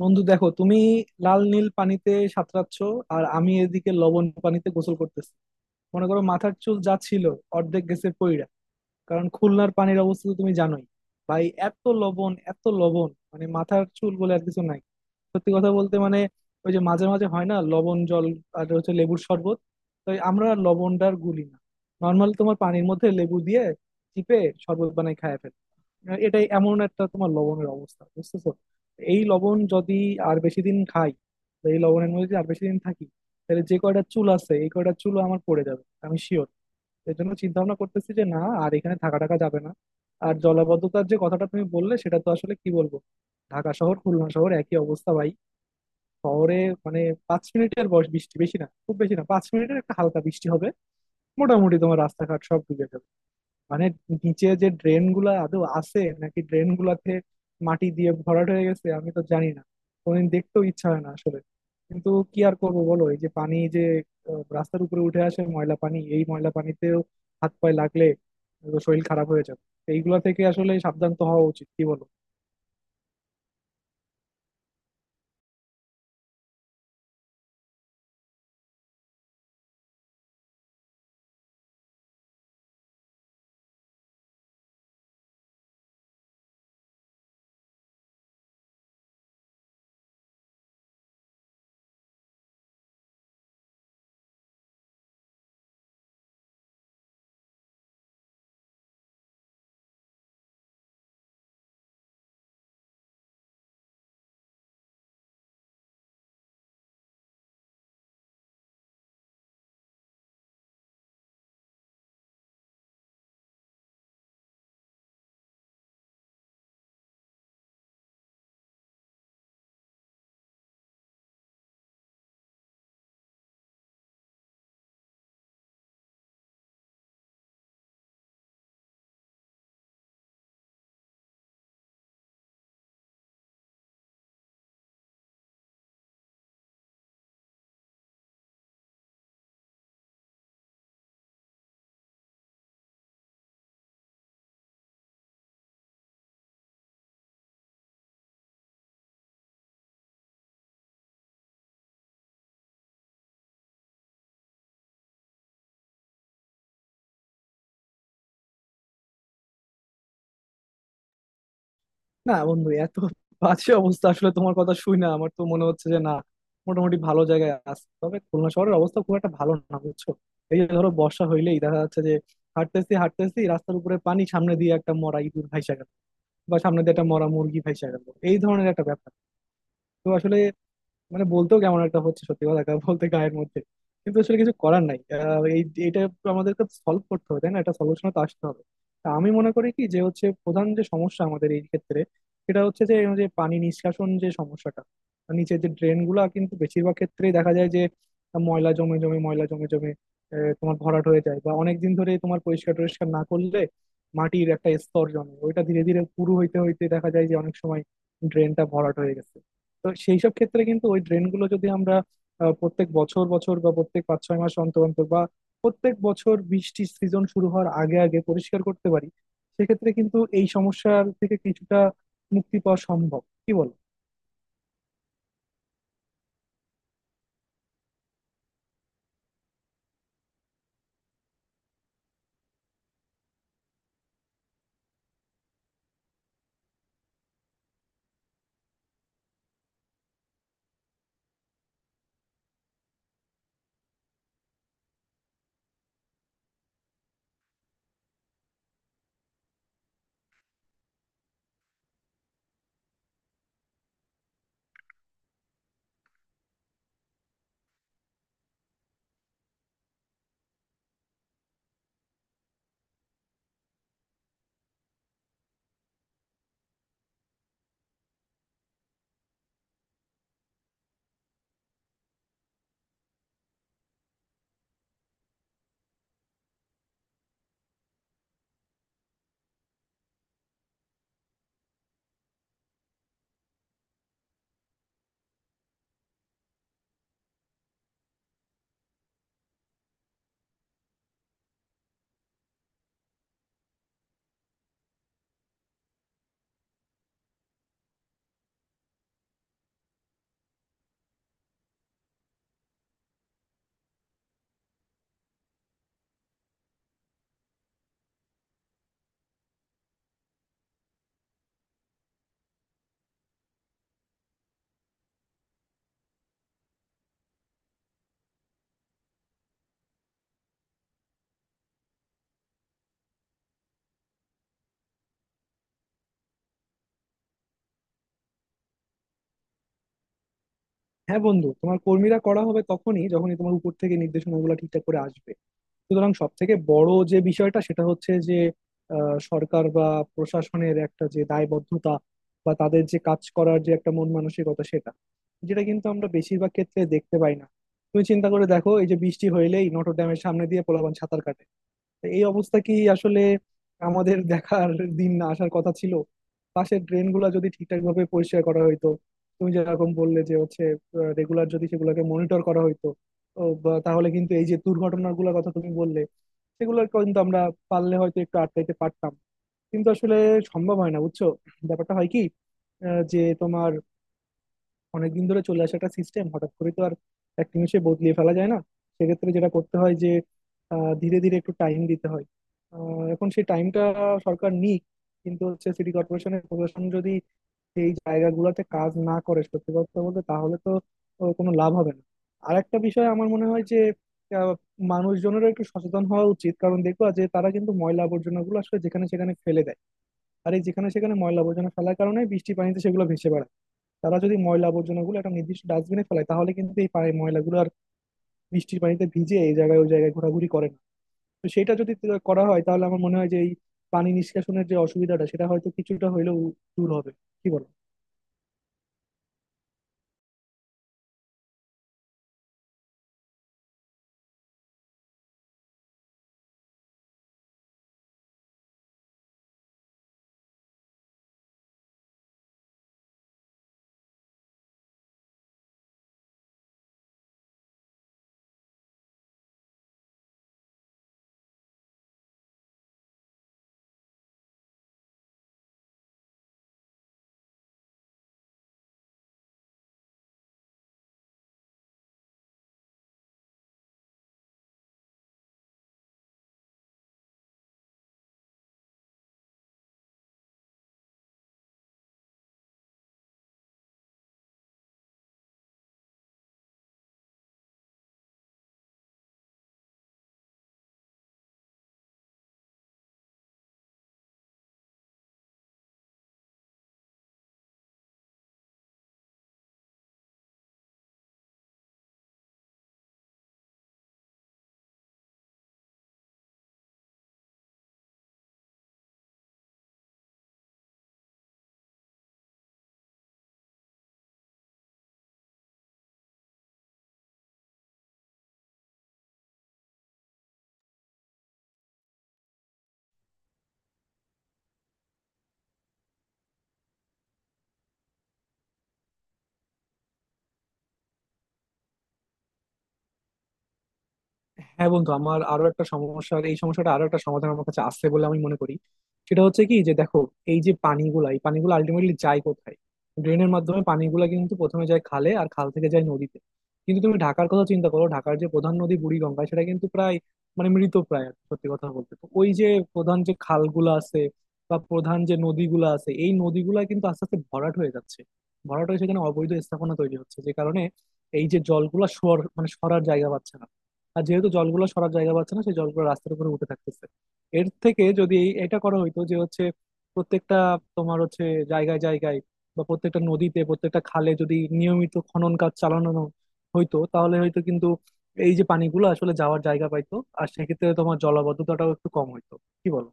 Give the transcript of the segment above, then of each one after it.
বন্ধু দেখো, তুমি লাল নীল পানিতে সাঁতরাচ্ছ, আর আমি এদিকে লবণ পানিতে গোসল করতেছি। মনে করো, মাথার চুল যা ছিল অর্ধেক গেছে পইড়া। কারণ খুলনার পানির অবস্থা তো তুমি জানোই ভাই। এত লবণ, এত লবণ, মাথার চুল বলে আর কিছু নাই। সত্যি কথা বলতে ওই যে মাঝে মাঝে হয় না লবণ জল, আর হচ্ছে লেবুর শরবত। তো আমরা লবণটার গুলি না, নর্মাল তোমার পানির মধ্যে লেবু দিয়ে চিপে শরবত বানাই খায় ফেলে। এটাই এমন একটা তোমার লবণের অবস্থা, বুঝতেছো? এই লবণ যদি আর বেশি দিন খাই, বা এই লবণের মধ্যে যদি আর বেশি দিন থাকি, তাহলে যে কয়টা চুল আছে এই কয়টা চুলও আমার পড়ে যাবে, আমি শিওর। এর জন্য চিন্তা ভাবনা করতেছি যে না, আর এখানে থাকা টাকা যাবে না। আর জলাবদ্ধতার যে কথাটা তুমি বললে, সেটা তো আসলে কি বলবো, ঢাকা শহর খুলনা শহর একই অবস্থা ভাই। শহরে মানে 5 মিনিটের বৃষ্টি, বেশি না, খুব বেশি না, 5 মিনিটের একটা হালকা বৃষ্টি হবে, মোটামুটি তোমার রাস্তাঘাট সব ডুবে যাবে। মানে নিচে যে ড্রেন গুলা আদৌ আছে নাকি ড্রেন গুলাতে মাটি দিয়ে ভরাট হয়ে গেছে আমি তো জানি না, কোনদিন দেখতেও ইচ্ছা হয় না আসলে। কিন্তু কি আর করবো বলো, এই যে পানি যে রাস্তার উপরে উঠে আসে ময়লা পানি, এই ময়লা পানিতেও হাত পায়ে লাগলে তো শরীর খারাপ হয়ে যাবে, তো এইগুলা থেকে আসলে সাবধান তো হওয়া উচিত, কি বলো? না বন্ধু, এত বাজে অবস্থা আসলে তোমার কথা শুই না, আমার তো মনে হচ্ছে যে না, মোটামুটি ভালো জায়গায় আছে, তবে খুলনা শহরের অবস্থা খুব একটা ভালো না, বুঝছো? এই যে ধরো বর্ষা হইলেই দেখা যাচ্ছে যে হাঁটতেছি হাঁটতেছি রাস্তার উপরে পানি, সামনে দিয়ে একটা মরা ইঁদুর ভাইসা গেল, বা সামনে দিয়ে একটা মরা মুরগি ভাইসা গেল, এই ধরনের একটা ব্যাপার। তো আসলে বলতেও কেমন একটা হচ্ছে, সত্যি কথা বলতে গায়ের মধ্যে, কিন্তু আসলে কিছু করার নাই। আহ, এই এটা আমাদেরকে সলভ করতে হবে, তাই না? এটা সলিউশনে তো আসতে হবে। তা আমি মনে করি কি, যে হচ্ছে প্রধান যে সমস্যা আমাদের এই ক্ষেত্রে, সেটা হচ্ছে যে এই যে পানি নিষ্কাশন যে সমস্যাটা, নিচের যে ড্রেন গুলা, কিন্তু বেশিরভাগ ক্ষেত্রেই দেখা যায় যে ময়লা জমে জমে তোমার ভরাট হয়ে যায়, বা অনেক দিন ধরে তোমার পরিষ্কার টরিষ্কার না করলে মাটির একটা স্তর জমে ওইটা ধীরে ধীরে পুরু হইতে হইতে দেখা যায় যে অনেক সময় ড্রেনটা ভরাট হয়ে গেছে। তো সেই সব ক্ষেত্রে কিন্তু ওই ড্রেনগুলো যদি আমরা প্রত্যেক বছর বছর বা প্রত্যেক 5-6 মাস অন্তর অন্তর বা প্রত্যেক বছর বৃষ্টির সিজন শুরু হওয়ার আগে আগে পরিষ্কার করতে পারি, সেক্ষেত্রে কিন্তু এই সমস্যার থেকে কিছুটা মুক্তি পাওয়া সম্ভব, কি বল? হ্যাঁ বন্ধু, তোমার কর্মীরা করা হবে তখনই যখনই তোমার উপর থেকে নির্দেশনাগুলো ঠিকঠাক করে আসবে। সুতরাং সব থেকে বড় যে বিষয়টা, সেটা হচ্ছে যে সরকার বা প্রশাসনের একটা যে দায়বদ্ধতা বা তাদের যে কাজ করার যে একটা মন মানসিকতা সেটা, যেটা কিন্তু আমরা বেশিরভাগ ক্ষেত্রে দেখতে পাই না। তুমি চিন্তা করে দেখো, এই যে বৃষ্টি হইলেই নটর ডেমের সামনে দিয়ে পোলাপান সাঁতার কাটে, এই অবস্থা কি আসলে আমাদের দেখার দিন না আসার কথা ছিল? পাশের ড্রেন গুলা যদি ঠিকঠাক ভাবে পরিষ্কার করা হইতো, তুমি যেরকম বললে যে হচ্ছে রেগুলার যদি সেগুলোকে মনিটর করা হইতো, ও বা তাহলে কিন্তু এই যে দুর্ঘটনার গুলোর কথা তুমি বললে, সেগুলোর কিন্তু আমরা পারলে হয়তো একটু আটকাইতে পারতাম। কিন্তু আসলে সম্ভব হয় না, বুঝছো। ব্যাপারটা হয় কি, যে তোমার অনেকদিন ধরে চলে আসা একটা সিস্টেম হঠাৎ করে তো আর এক নিমিষে বদলিয়ে ফেলা যায় না। সেক্ষেত্রে যেটা করতে হয় যে ধীরে ধীরে একটু টাইম দিতে হয়। এখন সেই টাইমটা সরকার নিক, কিন্তু হচ্ছে সিটি কর্পোরেশনের প্রশাসন যদি এই জায়গাগুলোতে কাজ না করে সত্যি কথা বলতে, তাহলে তো কোনো লাভ হবে না। আর একটা বিষয় আমার মনে হয় যে আহ, মানুষজনেরও একটু সচেতন হওয়া উচিত, কারণ দেখবা যে তারা কিন্তু ময়লা আবর্জনা গুলো আসলে যেখানে সেখানে ফেলে দেয়। আর এই যেখানে সেখানে ময়লা আবর্জনা ফেলার কারণে বৃষ্টির পানিতে সেগুলো ভেসে বেড়ায়। তারা যদি ময়লা আবর্জনা গুলো একটা নির্দিষ্ট ডাস্টবিনে ফেলায়, তাহলে কিন্তু এই পানি ময়লাগুলো আর বৃষ্টির পানিতে ভিজে এই জায়গায় ওই জায়গায় ঘোরাঘুরি করে না। তো সেটা যদি করা হয়, তাহলে আমার মনে হয় যে এই পানি নিষ্কাশনের যে অসুবিধাটা, সেটা হয়তো কিছুটা হইলেও দূর হবে, কি বল? হ্যাঁ বন্ধু, আমার আরো একটা সমস্যার, এই সমস্যাটা আরো একটা সমাধান আমার কাছে আসছে বলে আমি মনে করি। সেটা হচ্ছে কি, যে দেখো, এই যে এই পানিগুলো আলটিমেটলি যায় কোথায়? ড্রেনের মাধ্যমে পানিগুলা কিন্তু প্রথমে যায় খালে, আর খাল থেকে যায় নদীতে। কিন্তু তুমি ঢাকার কথা চিন্তা করো, ঢাকার যে প্রধান নদী বুড়িগঙ্গা, সেটা কিন্তু প্রায় মৃত প্রায়, সত্যি কথা বলতে। তো ওই যে প্রধান যে খালগুলো আছে বা প্রধান যে নদীগুলো আছে, এই নদীগুলা কিন্তু আস্তে আস্তে ভরাট হয়ে যাচ্ছে, ভরাট হয়ে সেখানে অবৈধ স্থাপনা তৈরি হচ্ছে, যে কারণে এই যে জলগুলা সর মানে সরার জায়গা পাচ্ছে না। আর যেহেতু জলগুলো সরার জায়গা পাচ্ছে না, সেই জলগুলো রাস্তার উপরে উঠে থাকতেছে। এর থেকে যদি এটা করা হইতো যে হচ্ছে প্রত্যেকটা তোমার হচ্ছে জায়গায় জায়গায় বা প্রত্যেকটা নদীতে প্রত্যেকটা খালে যদি নিয়মিত খনন কাজ চালানো হইতো, তাহলে হয়তো কিন্তু এই যে পানিগুলো আসলে যাওয়ার জায়গা পাইতো, আর সেক্ষেত্রে তোমার জলাবদ্ধতাটাও একটু কম হইতো, কি বলো?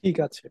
ঠিক আছে।